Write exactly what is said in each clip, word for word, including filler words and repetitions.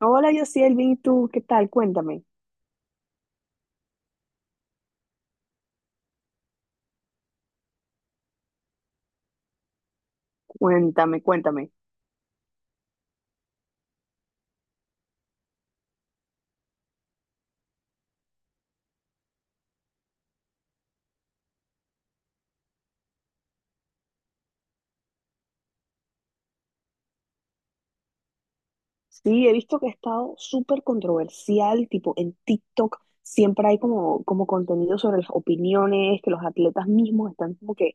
Hola, Yosiel, bien, ¿y tú? ¿Qué tal? Cuéntame, cuéntame, cuéntame. Sí, he visto que ha estado súper controversial, tipo en TikTok siempre hay como, como contenido sobre las opiniones, que los atletas mismos están como que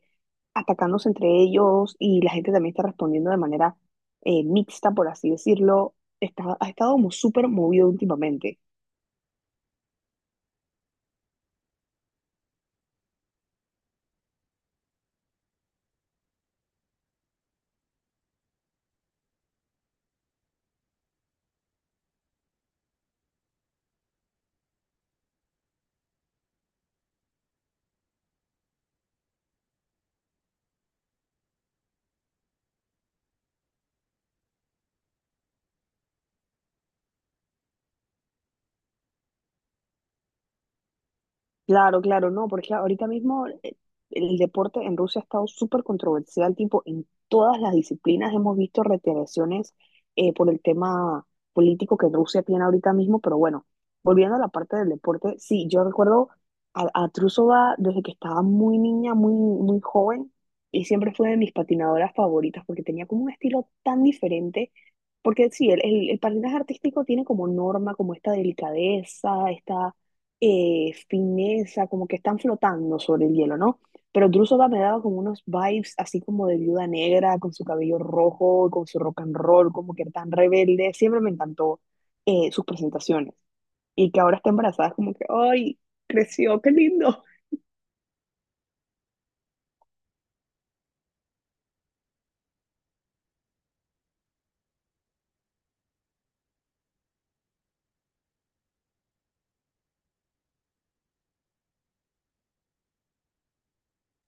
atacándose entre ellos y la gente también está respondiendo de manera eh, mixta, por así decirlo. Está, ha estado como súper movido últimamente. Claro, claro, no, porque ahorita mismo eh, el deporte en Rusia ha estado súper controversial, tipo, en todas las disciplinas hemos visto retaliaciones eh, por el tema político que Rusia tiene ahorita mismo, pero bueno, volviendo a la parte del deporte, sí, yo recuerdo a, a Trusova desde que estaba muy niña, muy, muy joven, y siempre fue de mis patinadoras favoritas, porque tenía como un estilo tan diferente, porque sí, el, el, el patinaje artístico tiene como norma, como esta delicadeza, esta eh, fineza, como que están flotando sobre el hielo, ¿no? Pero Drusova me daba como unos vibes así como de viuda negra, con su cabello rojo, con su rock and roll, como que tan rebelde. Siempre me encantó eh, sus presentaciones. Y que ahora está embarazada, es como que, ¡ay! Creció, qué lindo.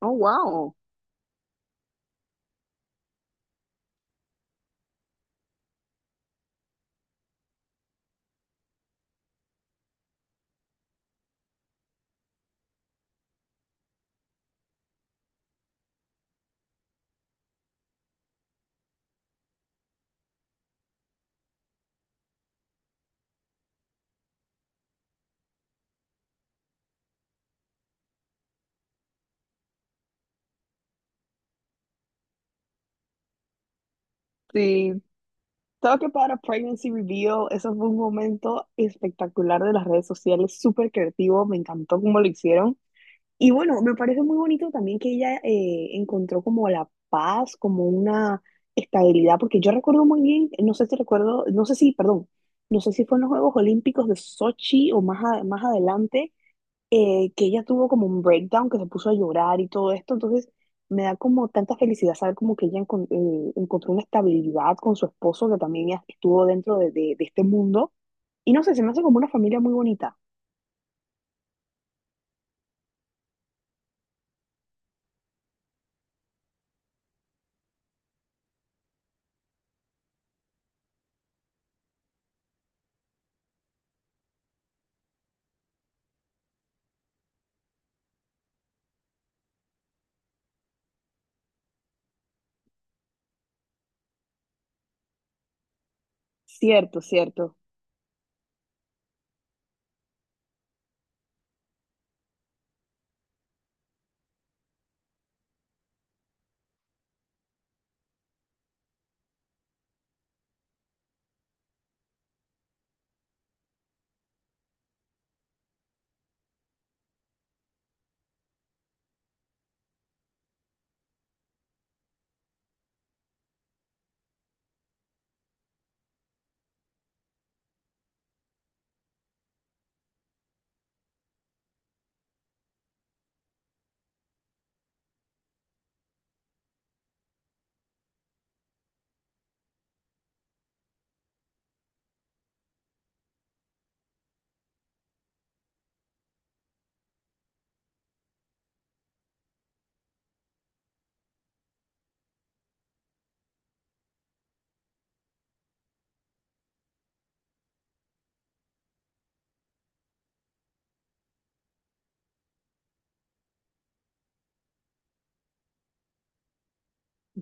Oh, wow. Sí. Talk about a pregnancy reveal. Eso fue un momento espectacular de las redes sociales, súper creativo. Me encantó cómo lo hicieron. Y bueno, me parece muy bonito también que ella eh, encontró como la paz, como una estabilidad, porque yo recuerdo muy bien, no sé si recuerdo, no sé si, perdón, no sé si fue en los Juegos Olímpicos de Sochi o más, a- más adelante, eh, que ella tuvo como un breakdown, que se puso a llorar y todo esto, entonces me da como tanta felicidad saber como que ella encon- eh, encontró una estabilidad con su esposo, que también ya estuvo dentro de, de de este mundo, y no sé, se me hace como una familia muy bonita. Cierto, cierto.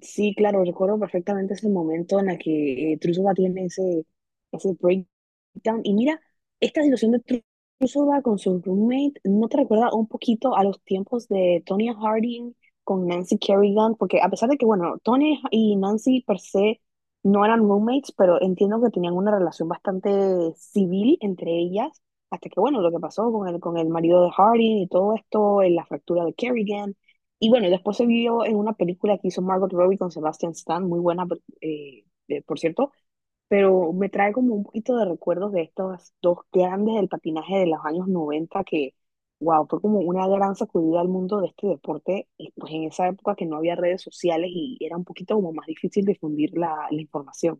Sí, claro, recuerdo perfectamente ese momento en el que eh, Truzova tiene ese, ese Town. Y mira, esta situación de Trusova con su roommate, ¿no te recuerda un poquito a los tiempos de Tonya Harding con Nancy Kerrigan? Porque a pesar de que, bueno, Tony y Nancy per se no eran roommates, pero entiendo que tenían una relación bastante civil entre ellas, hasta que, bueno, lo que pasó con el, con el marido de Harding y todo esto, en la fractura de Kerrigan. Y bueno, después se vio en una película que hizo Margot Robbie con Sebastian Stan, muy buena, eh, eh, por cierto, pero me trae como un poquito de recuerdos de estos dos grandes del patinaje de los años noventa que, wow, fue como una gran sacudida al mundo de este deporte, y pues en esa época que no había redes sociales y era un poquito como más difícil difundir la, la información.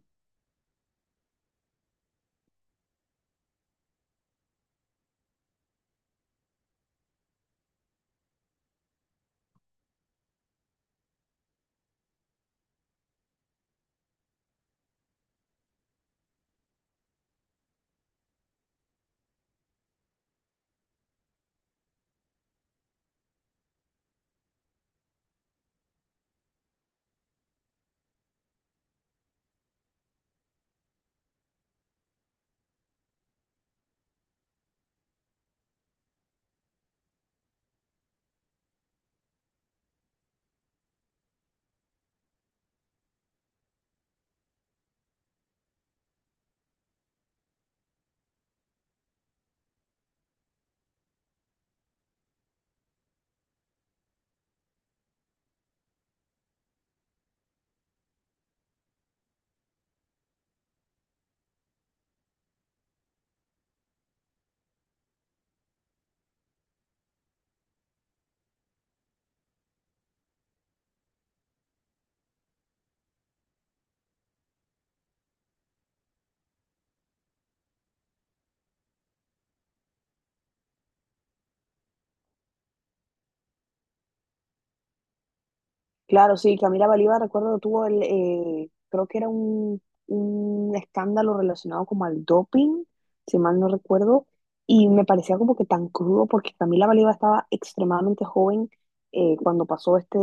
Claro, sí, Camila Valiva, recuerdo, tuvo el, eh, creo que era un, un escándalo relacionado como al doping, si mal no recuerdo, y me parecía como que tan crudo porque Camila Valiva estaba extremadamente joven eh, cuando pasó este,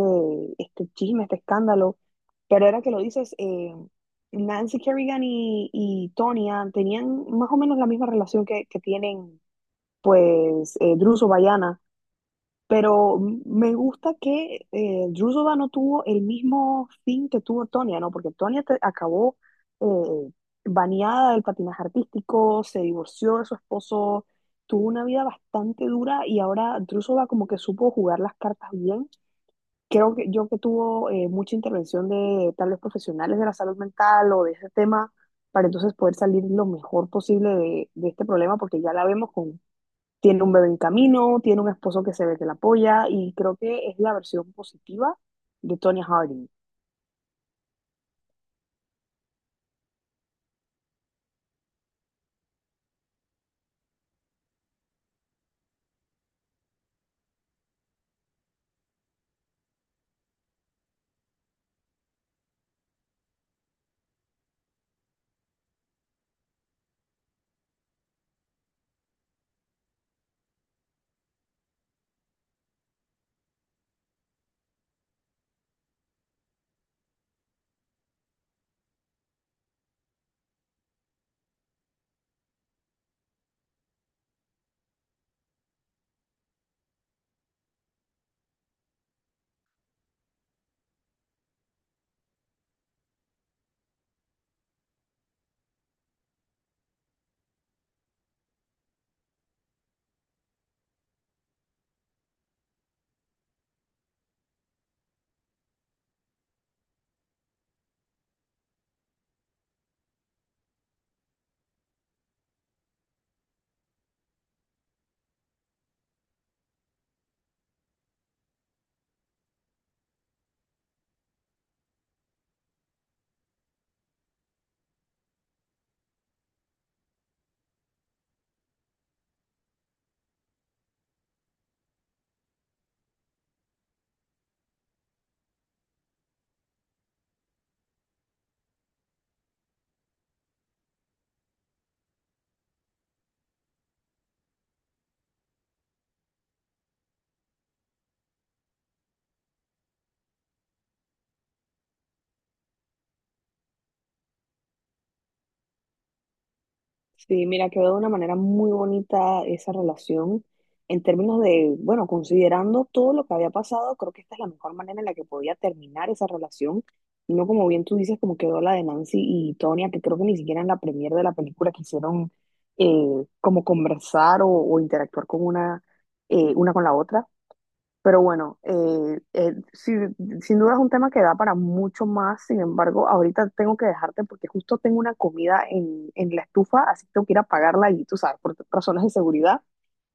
este chisme, este escándalo, pero era que lo dices, eh, Nancy Kerrigan y, y Tonya tenían más o menos la misma relación que, que tienen pues eh, Drew Sobayana, pero me gusta que eh, Drusova no tuvo el mismo fin que tuvo Tonia, ¿no? Porque Tonia te- acabó eh, baneada del patinaje artístico, se divorció de su esposo, tuvo una vida bastante dura y ahora Drusova como que supo jugar las cartas bien. Creo que yo que tuvo eh, mucha intervención de tal vez profesionales de la salud mental o de ese tema, para entonces poder salir lo mejor posible de, de este problema, porque ya la vemos con, tiene un bebé en camino, tiene un esposo que se ve que la apoya y creo que es la versión positiva de Tonya Harding. Sí, mira, quedó de una manera muy bonita esa relación en términos de, bueno, considerando todo lo que había pasado, creo que esta es la mejor manera en la que podía terminar esa relación. Y no como bien tú dices, como quedó la de Nancy y Tonya, que creo que ni siquiera en la premiere de la película quisieron eh, como conversar o, o interactuar con una, eh, una con la otra. Pero bueno, eh, eh, sí, sin duda es un tema que da para mucho más. Sin embargo, ahorita tengo que dejarte porque justo tengo una comida en, en la estufa, así que tengo que ir a pagarla y tú sabes, por razones de seguridad.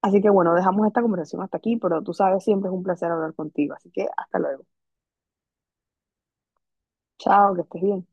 Así que bueno, dejamos esta conversación hasta aquí, pero tú sabes, siempre es un placer hablar contigo. Así que hasta luego. Chao, que estés bien.